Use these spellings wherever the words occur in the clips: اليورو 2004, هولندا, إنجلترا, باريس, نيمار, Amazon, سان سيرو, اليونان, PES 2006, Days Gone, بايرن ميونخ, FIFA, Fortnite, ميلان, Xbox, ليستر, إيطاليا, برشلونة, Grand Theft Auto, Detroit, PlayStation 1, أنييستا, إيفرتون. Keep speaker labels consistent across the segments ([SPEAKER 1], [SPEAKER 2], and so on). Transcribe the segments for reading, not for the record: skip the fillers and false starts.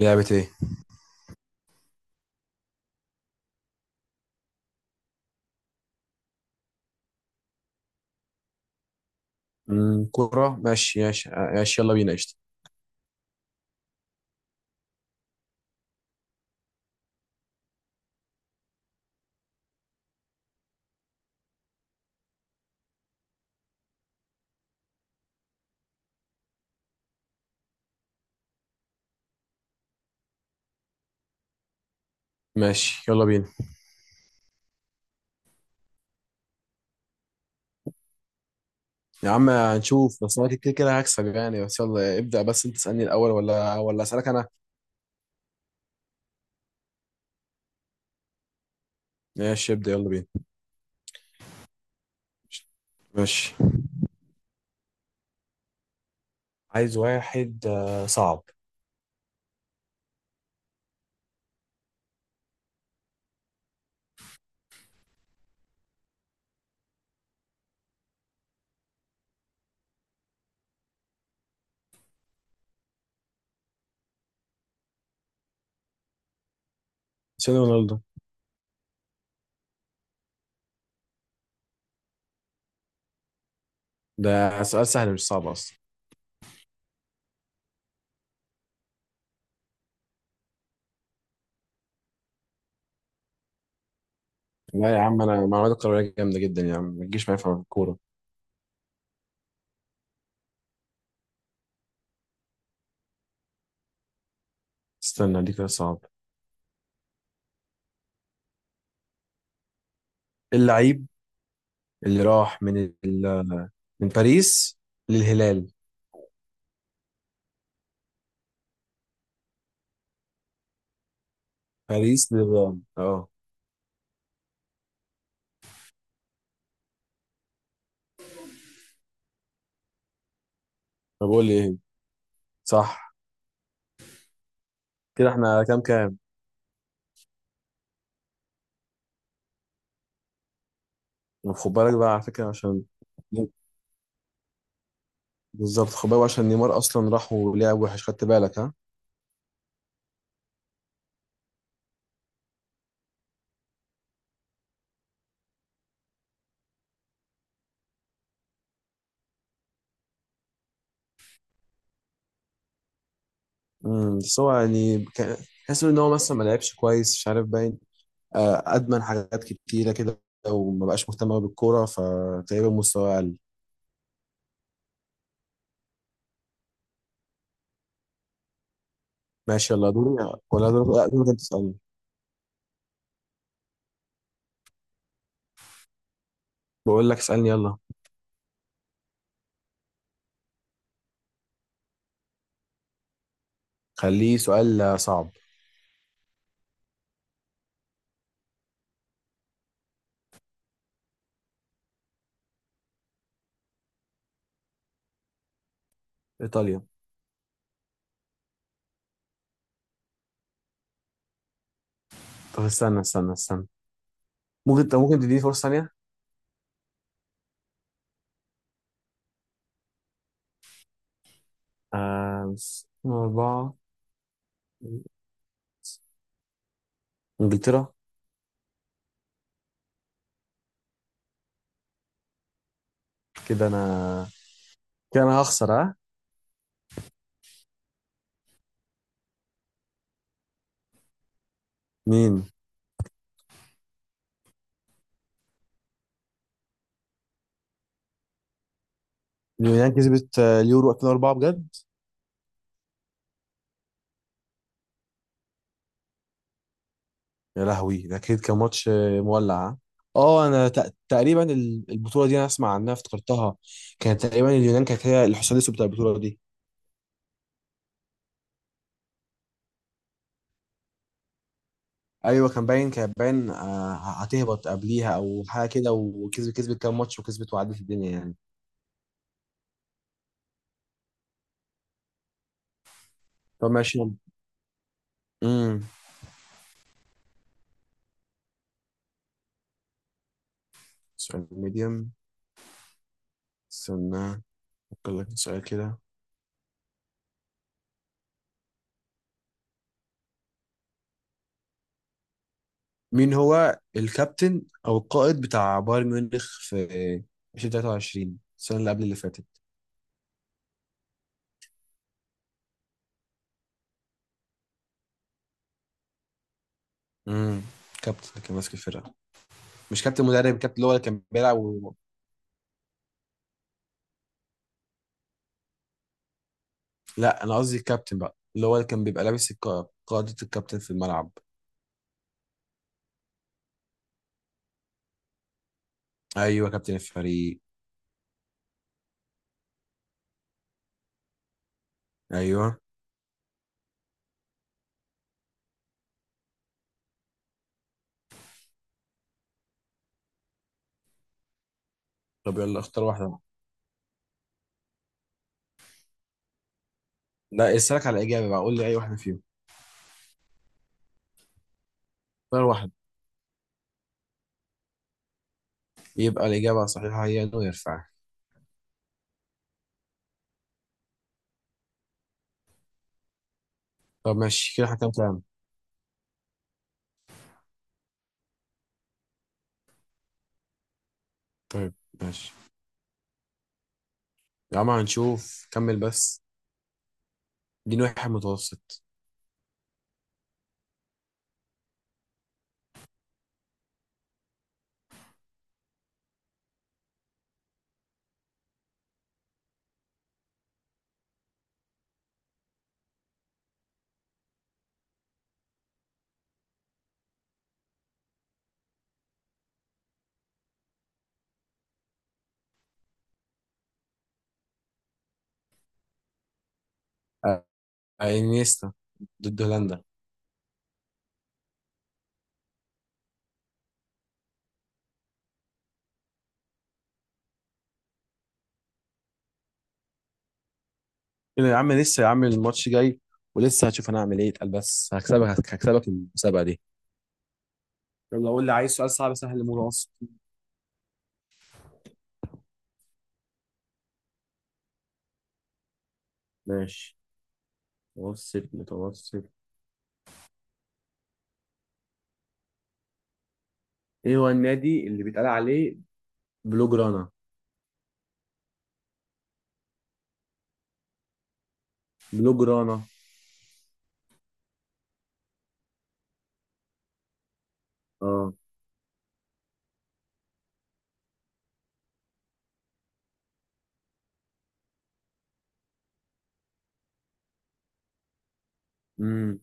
[SPEAKER 1] لعبة ايه؟ كورة، ماشي ماشي ماشي، يلا بينا قشطة. ماشي يلا بينا. يا عم هنشوف، بس انا كده كده هكسب يعني، بس يلا ابدأ، بس انت تسألني الأول ولا أسألك أنا؟ ماشي ابدأ يلا بينا. ماشي، عايز واحد صعب. سيدي رونالدو. ده سؤال سهل مش صعب أصلا. لا يا عم، أنا معلومات الكروية جامدة جدا يا عم، ما تجيش معايا في الكورة. استنى دي كده صعب. اللعيب اللي راح من ال... من باريس للهلال. باريس للهلال، اه. طب قول لي ايه، صح. كده احنا كام كام؟ خد بالك بقى على فكرة عشان، بالظبط خد بالك بقى عشان نيمار اصلا راح ولعب وحش، خدت بالك ها. بس هو يعني تحس ان هو مثلا ما لعبش كويس، مش عارف، باين ادمن حاجات كتيرة كده، وما بقاش مهتم أوي بالكورة، فتقريبا مستواه اقل. ماشي يلا دوري، ولا دوري لا، دوري انت تسألني. بقول لك اسألني يلا. خليه سؤال صعب. ايطاليا. طب استنى استنى استنى، ممكن، طب ممكن تديني فرصة ثانية. آه، أربعة، إنجلترا. كده أنا كان هخسر ها. مين؟ اليونان كسبت اليورو 2004 بجد. يا لهوي، ده اكيد كان ماتش مولع ها؟ اه انا تقريبا البطوله دي انا اسمع عنها افتكرتها. كانت تقريبا اليونان كانت هي الحصان الاسود بتاع البطوله دي. ايوه، كان باين هتهبط قبليها او حاجه كده، وكسبت، كام ماتش وكسبت وعدت الدنيا يعني. طب ماشي. امم، سؤال ميديم، استنى افكر لك في سؤال كده. مين هو الكابتن او القائد بتاع بايرن ميونخ في 2023، السنه اللي قبل اللي فاتت. امم، كابتن اللي كان ماسك الفرقه. مش كابتن مدرب، الكابتن اللي هو اللي كان بيلعب و... لا انا قصدي الكابتن بقى، اللي هو اللي كان بيبقى لابس قاعدة الكابتن في الملعب. ايوه كابتن الفريق. ايوه. طب يلا اختار واحده. لا اسالك على الاجابه بقى، قول لي اي واحده فيهم. اختار واحد. يبقى الاجابه الصحيحه هي انه يرفع. طب ماشي، كده احنا كام كام؟ طيب ماشي. يا عم هنشوف، كمل بس. دي واحد متوسط. انيستا. ضد هولندا. كده يا عم لسه، يا عم الماتش جاي، ولسه هشوف انا هعمل ايه، اتقل بس هكسبك، هكسبك المسابقه دي. يلا قول لي، عايز سؤال صعب سهل متوسط. ماشي، متوسط متوسط. ايه هو النادي اللي بيتقال عليه بلو جرانا؟ بلو جرانا، اه. امم.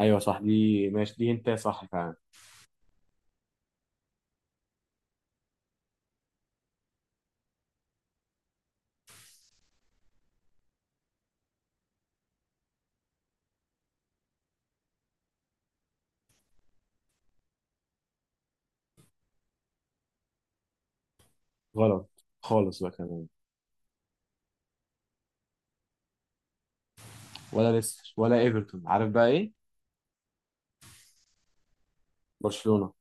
[SPEAKER 1] ايوه صح، دي ماشي، دي انت صح فعلا. غلط خالص بقى كمان. ولا ليستر ولا ايفرتون، عارف بقى ايه؟ برشلونة.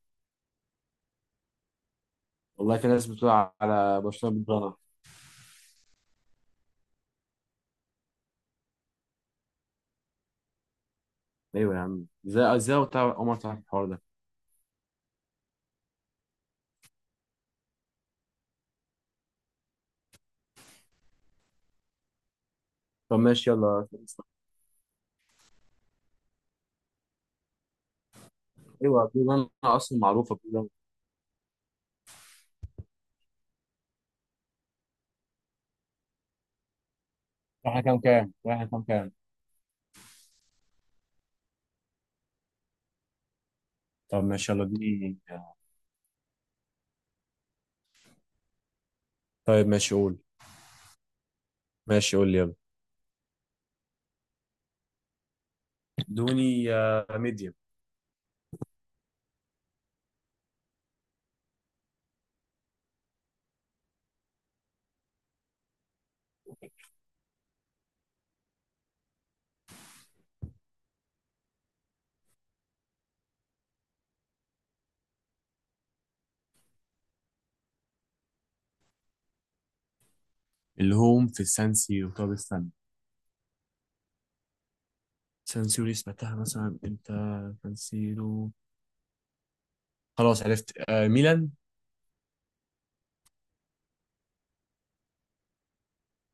[SPEAKER 1] والله في ناس بتقول على برشلونة بلو جرانا. ايوه يا عم، ازاي ازاي عمر تعرف، اول مره تعرف الحوار ده. طب ماشي يلا. ايوه بلو لاين اصلا، معروفه بلو لاين. واحنا كام كام؟ طب ماشي يلا اديني. طيب ماشي قول، ماشي قول لي يلا. ادوني ميديم. الهوم في السان سيرو، طب استنى، سان سيرو دي سمعتها مثلا امتى. سان سيرو، خلاص عرفت، آه ميلان.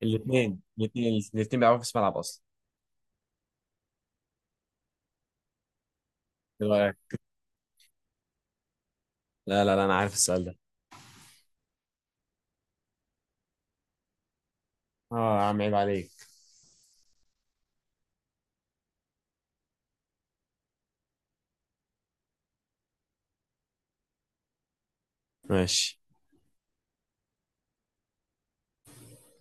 [SPEAKER 1] الاثنين الاثنين الاثنين بيلعبوا في نفس الملعب اصلا. ايه رايك؟ لا لا لا، انا عارف السؤال ده. اه يا عم عيب عليك. ماشي